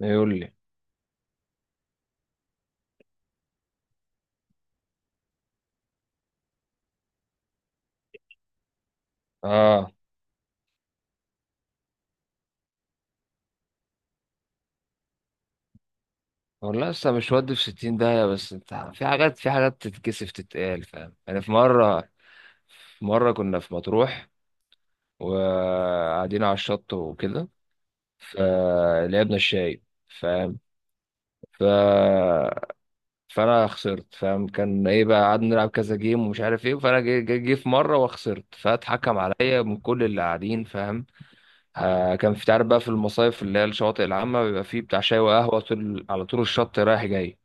يقول لي اه، والله لسه مش ودي في 60 داهية. بس انت في حاجات تتكسف تتقال، فاهم؟ يعني في مرة كنا في مطروح وقاعدين على الشط وكده، فلعبنا الشاي، فاهم؟ ف فانا خسرت، فاهم؟ كان ايه بقى، قعدنا نلعب كذا جيم ومش عارف ايه، فانا جه في مره وخسرت، فاتحكم عليا من كل اللي قاعدين، فاهم؟ آه، كان في، تعرف بقى، في المصايف اللي هي الشواطئ العامه بيبقى فيه بتاع شاي وقهوه طول على طول الشط رايح جاي.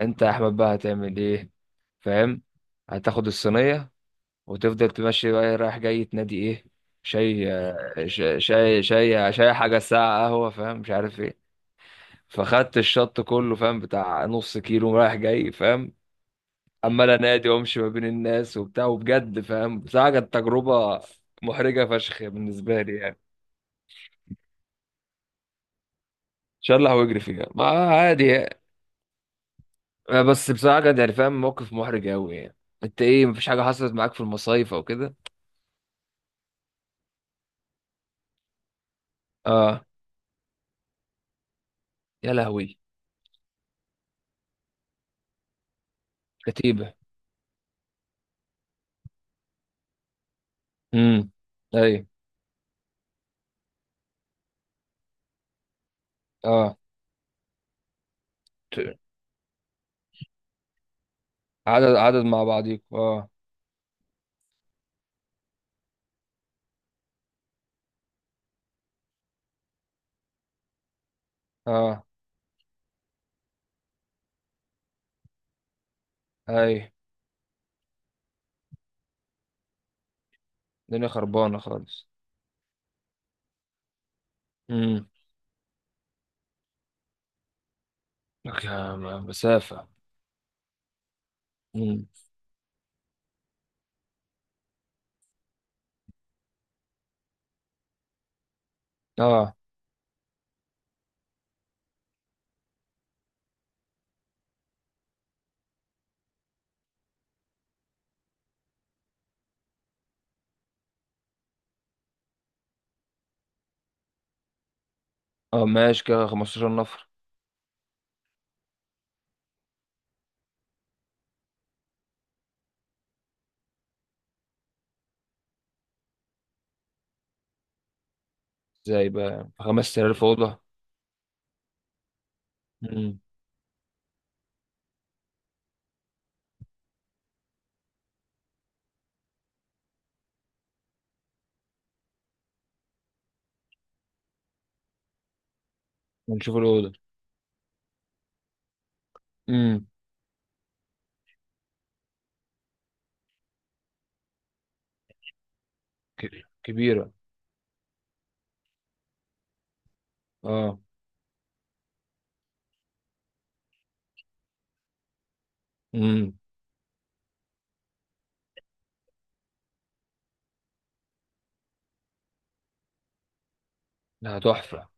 انت يا احمد بقى هتعمل ايه؟ فاهم؟ هتاخد الصينيه وتفضل تمشي بقى، إيه، رايح جاي تنادي ايه، شاي شاي شاي شاي شاي حاجه ساعه قهوه، فاهم؟ مش عارف ايه. فخدت الشط كله، فاهم، بتاع نص كيلو رايح جاي، فاهم؟ عمال انادي وامشي ما بين الناس وبتاع، وبجد فاهم، بصراحه كانت تجربه محرجه فشخ بالنسبه لي يعني. شلح واجري فيها، ما عادي يعني. بس بصراحه كانت يعني، فاهم، موقف محرج قوي يعني. انت ايه، مفيش حاجه حصلت معاك في المصايف او كده؟ اه. يا لهوي. كتيبة. امم. اي. اه. ت- عدد مع بعضيكوا، اه. اه. اي. الدنيا خربانة خالص. امم. مسافة. امم. اه. اه ماشي، كده 15 نفر. ازاي بقى خمس سرير في أوضة؟ امم. ونشوف الأوضة. امم. كبيرة. اه. امم. لا، تحفة.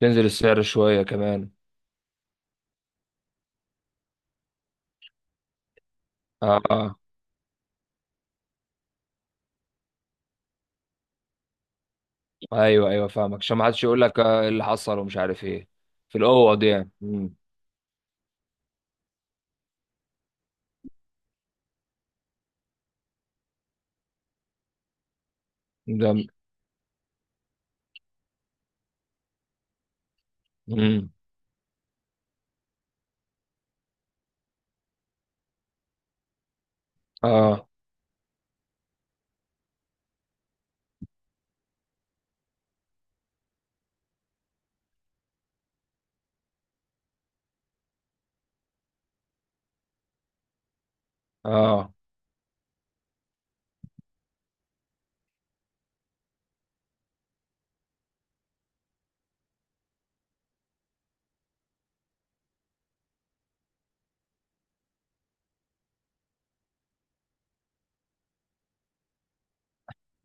تنزل السعر شوية كمان. اه. اه، ايوه ايوه فاهمك، عشان ما حدش يقول لك إيه اللي حصل ومش عارف ايه. في الأوض يعني. امم. ده. امم. اه. اه.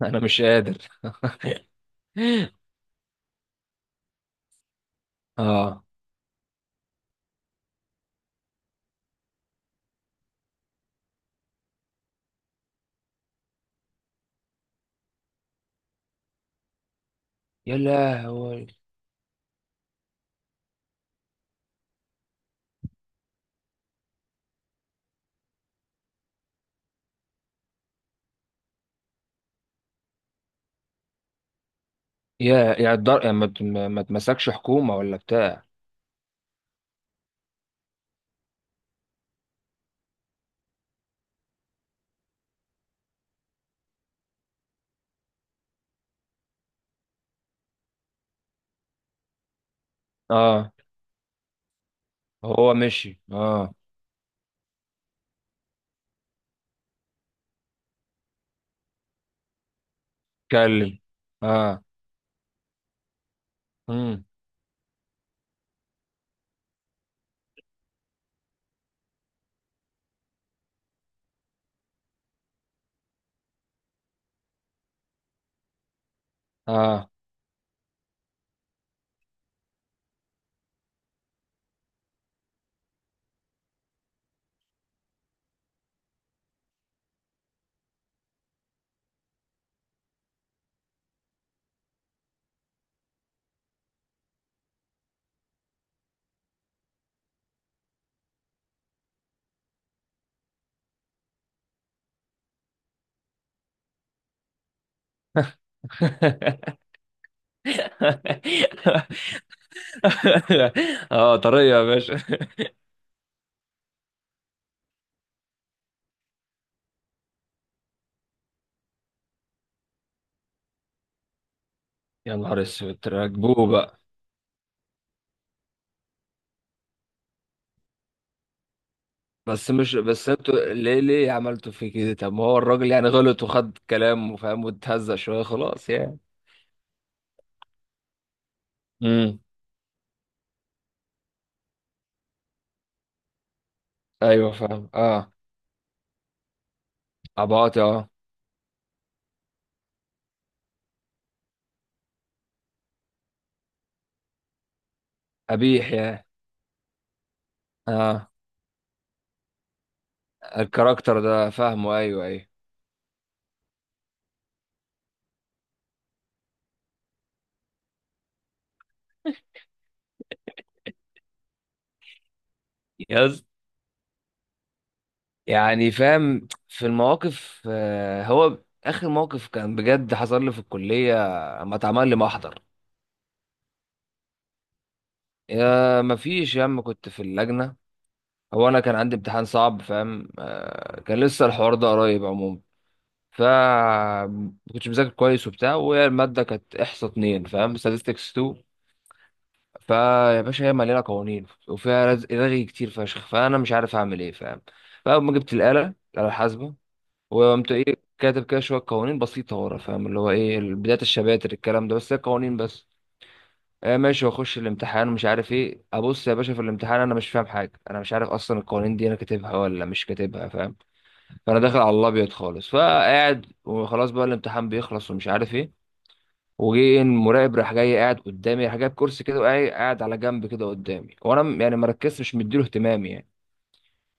انا مش قادر. اه. يا لهوي. يا يا الدر، يا ما ما تمسكش حكومة ولا بتاع. اه. هو مشي، اه. اتكلم. اه. امم. اه. اه، طريقة يا باشا. يا نهار اسود، راكبوه بقى. بس مش، بس انتوا ليه عملتوا في كده؟ طب ما هو الراجل يعني غلط وخد كلام وفاهم واتهزق شوية، خلاص يعني. امم. ايوه فاهم، اه. عباطي، اه. قبيح، يا. اه. الكاركتر ده فاهمه، ايوه ايوه. يز يعني فاهم، في المواقف هو اخر موقف كان بجد حصل لي في الكليه، اما اتعمل لي محضر. يا ما فيش يا عم، كنت في اللجنه. هو انا كان عندي امتحان صعب، فاهم، كان لسه الحوار ده قريب عموما. ف ما كنتش مذاكر كويس وبتاع، وهي الماده كانت احصاء اتنين، فاهم، statistics 2. فيا باشا هي مليانه قوانين وفيها رغي كتير فشخ، فانا مش عارف اعمل ايه، فاهم؟ فاول ما جبت الاله، الحاسبه وقمت ايه، كاتب كده شويه قوانين بسيطه ورا، فاهم، اللي هو ايه، بدايه الشباتر الكلام ده، بس هي قوانين بس. آه ماشي، واخش الامتحان ومش عارف ايه. ابص يا باشا في الامتحان، انا مش فاهم حاجه، انا مش عارف اصلا القوانين دي انا كاتبها ولا مش كاتبها، فاهم؟ فانا داخل على الابيض خالص، فقاعد، وخلاص بقى الامتحان بيخلص ومش عارف ايه. وجه المراقب راح جاي قاعد قدامي، راح جايب كرسي كده وقاعد، قاعد على جنب كده قدامي، وانا يعني مركزتش، مش مديله اهتمام يعني.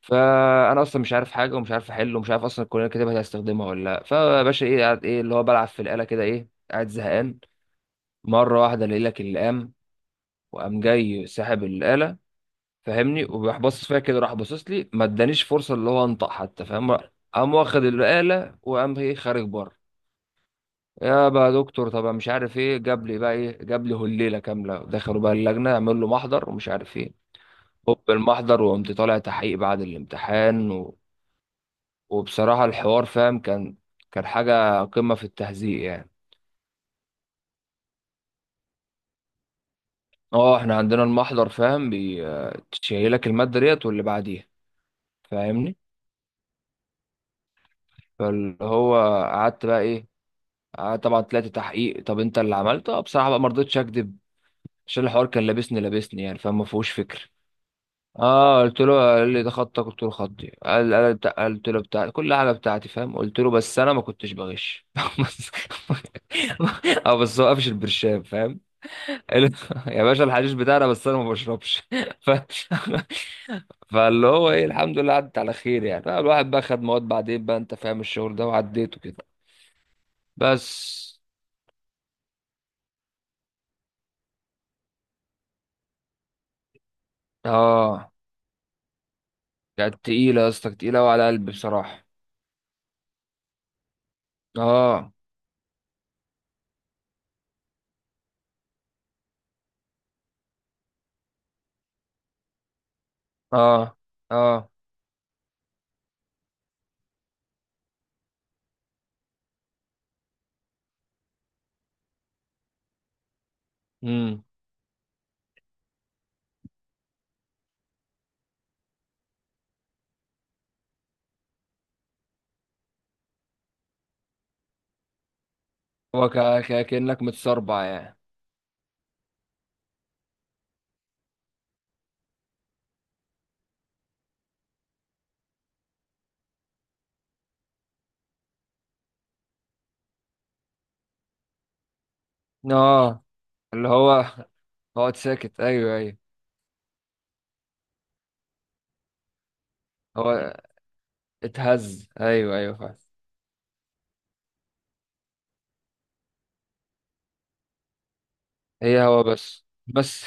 فانا اصلا مش عارف حاجه، ومش عارف احله، ومش عارف اصلا الكليه كاتبها دي هستخدمها ولا لا. فباشا ايه قاعد، ايه اللي هو بلعب في الاله كده، ايه، قاعد زهقان. مره واحده الاقي لك اللي قام، وقام جاي ساحب الاله، فاهمني، وراح باصص فيها كده، راح باصص لي، ما ادانيش فرصه اللي هو انطق حتى، فاهم؟ قام واخد الاله، وقام ايه، خارج بره. يا بقى دكتور، طب مش عارف ايه، جاب لي بقى ايه، جاب لي هليله كامله، دخلوا بقى اللجنه، عمل له محضر ومش عارف ايه. هوب المحضر، وقمت طالع تحقيق بعد الامتحان. و... وبصراحه الحوار فاهم، كان كان حاجه قمه في التهزيق يعني. اه احنا عندنا المحضر، فاهم، بيشيلك الماده ديت واللي بعديها. فاهمني. فاللي هو قعدت بقى ايه، قعدت طبعا، طلعت تحقيق. طب انت اللي عملته؟ بصراحه بقى ما رضيتش اكذب، عشان الحوار كان لابسني لابسني يعني، فما فيهوش فكر. اه، قلت له، قال لي ده خطك، قلت له خطي، قال قلت له بتاع كل حاجه بتاعتي، فاهم، قلت له بس انا ما كنتش بغش. بس- اه، بس هو قافش البرشام، فاهم. قال له يا باشا، الحشيش بتاعنا بس انا ما بشربش. ف... فاللي هو ايه، الحمد لله عدت على خير يعني. فالواحد بقى خد مواد بعدين بقى، انت فاهم الشغل ده، وعديته كده بس. اه، كانت تقيله يا اسطى، كانت تقيله وعلى قلبي بصراحه. اه. اه. اه. امم. هو كأنك متسربع يعني. اه، اللي هو اقعد ساكت، ايوه ايوه. هو اتهز، ايوه ايوه فعلا. هي هو بس بس.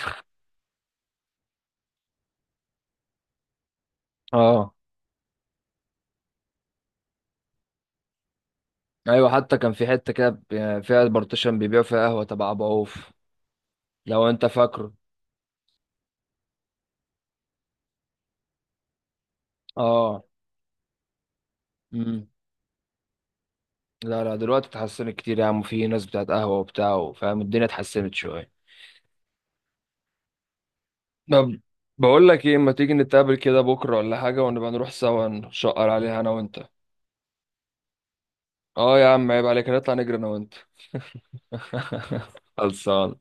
اه، ايوه حتى كان في حته كده فيها بارتيشن بيبيعوا فيها قهوه تبع ابو عوف، لو انت فاكره. اه. امم. لا لا، دلوقتي اتحسنت كتير يا عم، في ناس بتاعت قهوه وبتاع، فاهم، الدنيا اتحسنت شويه. طب بقول لك ايه، اما تيجي نتقابل كده بكره ولا حاجه، ونبقى نروح سوا نشقر عليها انا وانت. اه يا عم عيب عليك، نطلع نجري انا وانت. خلصان.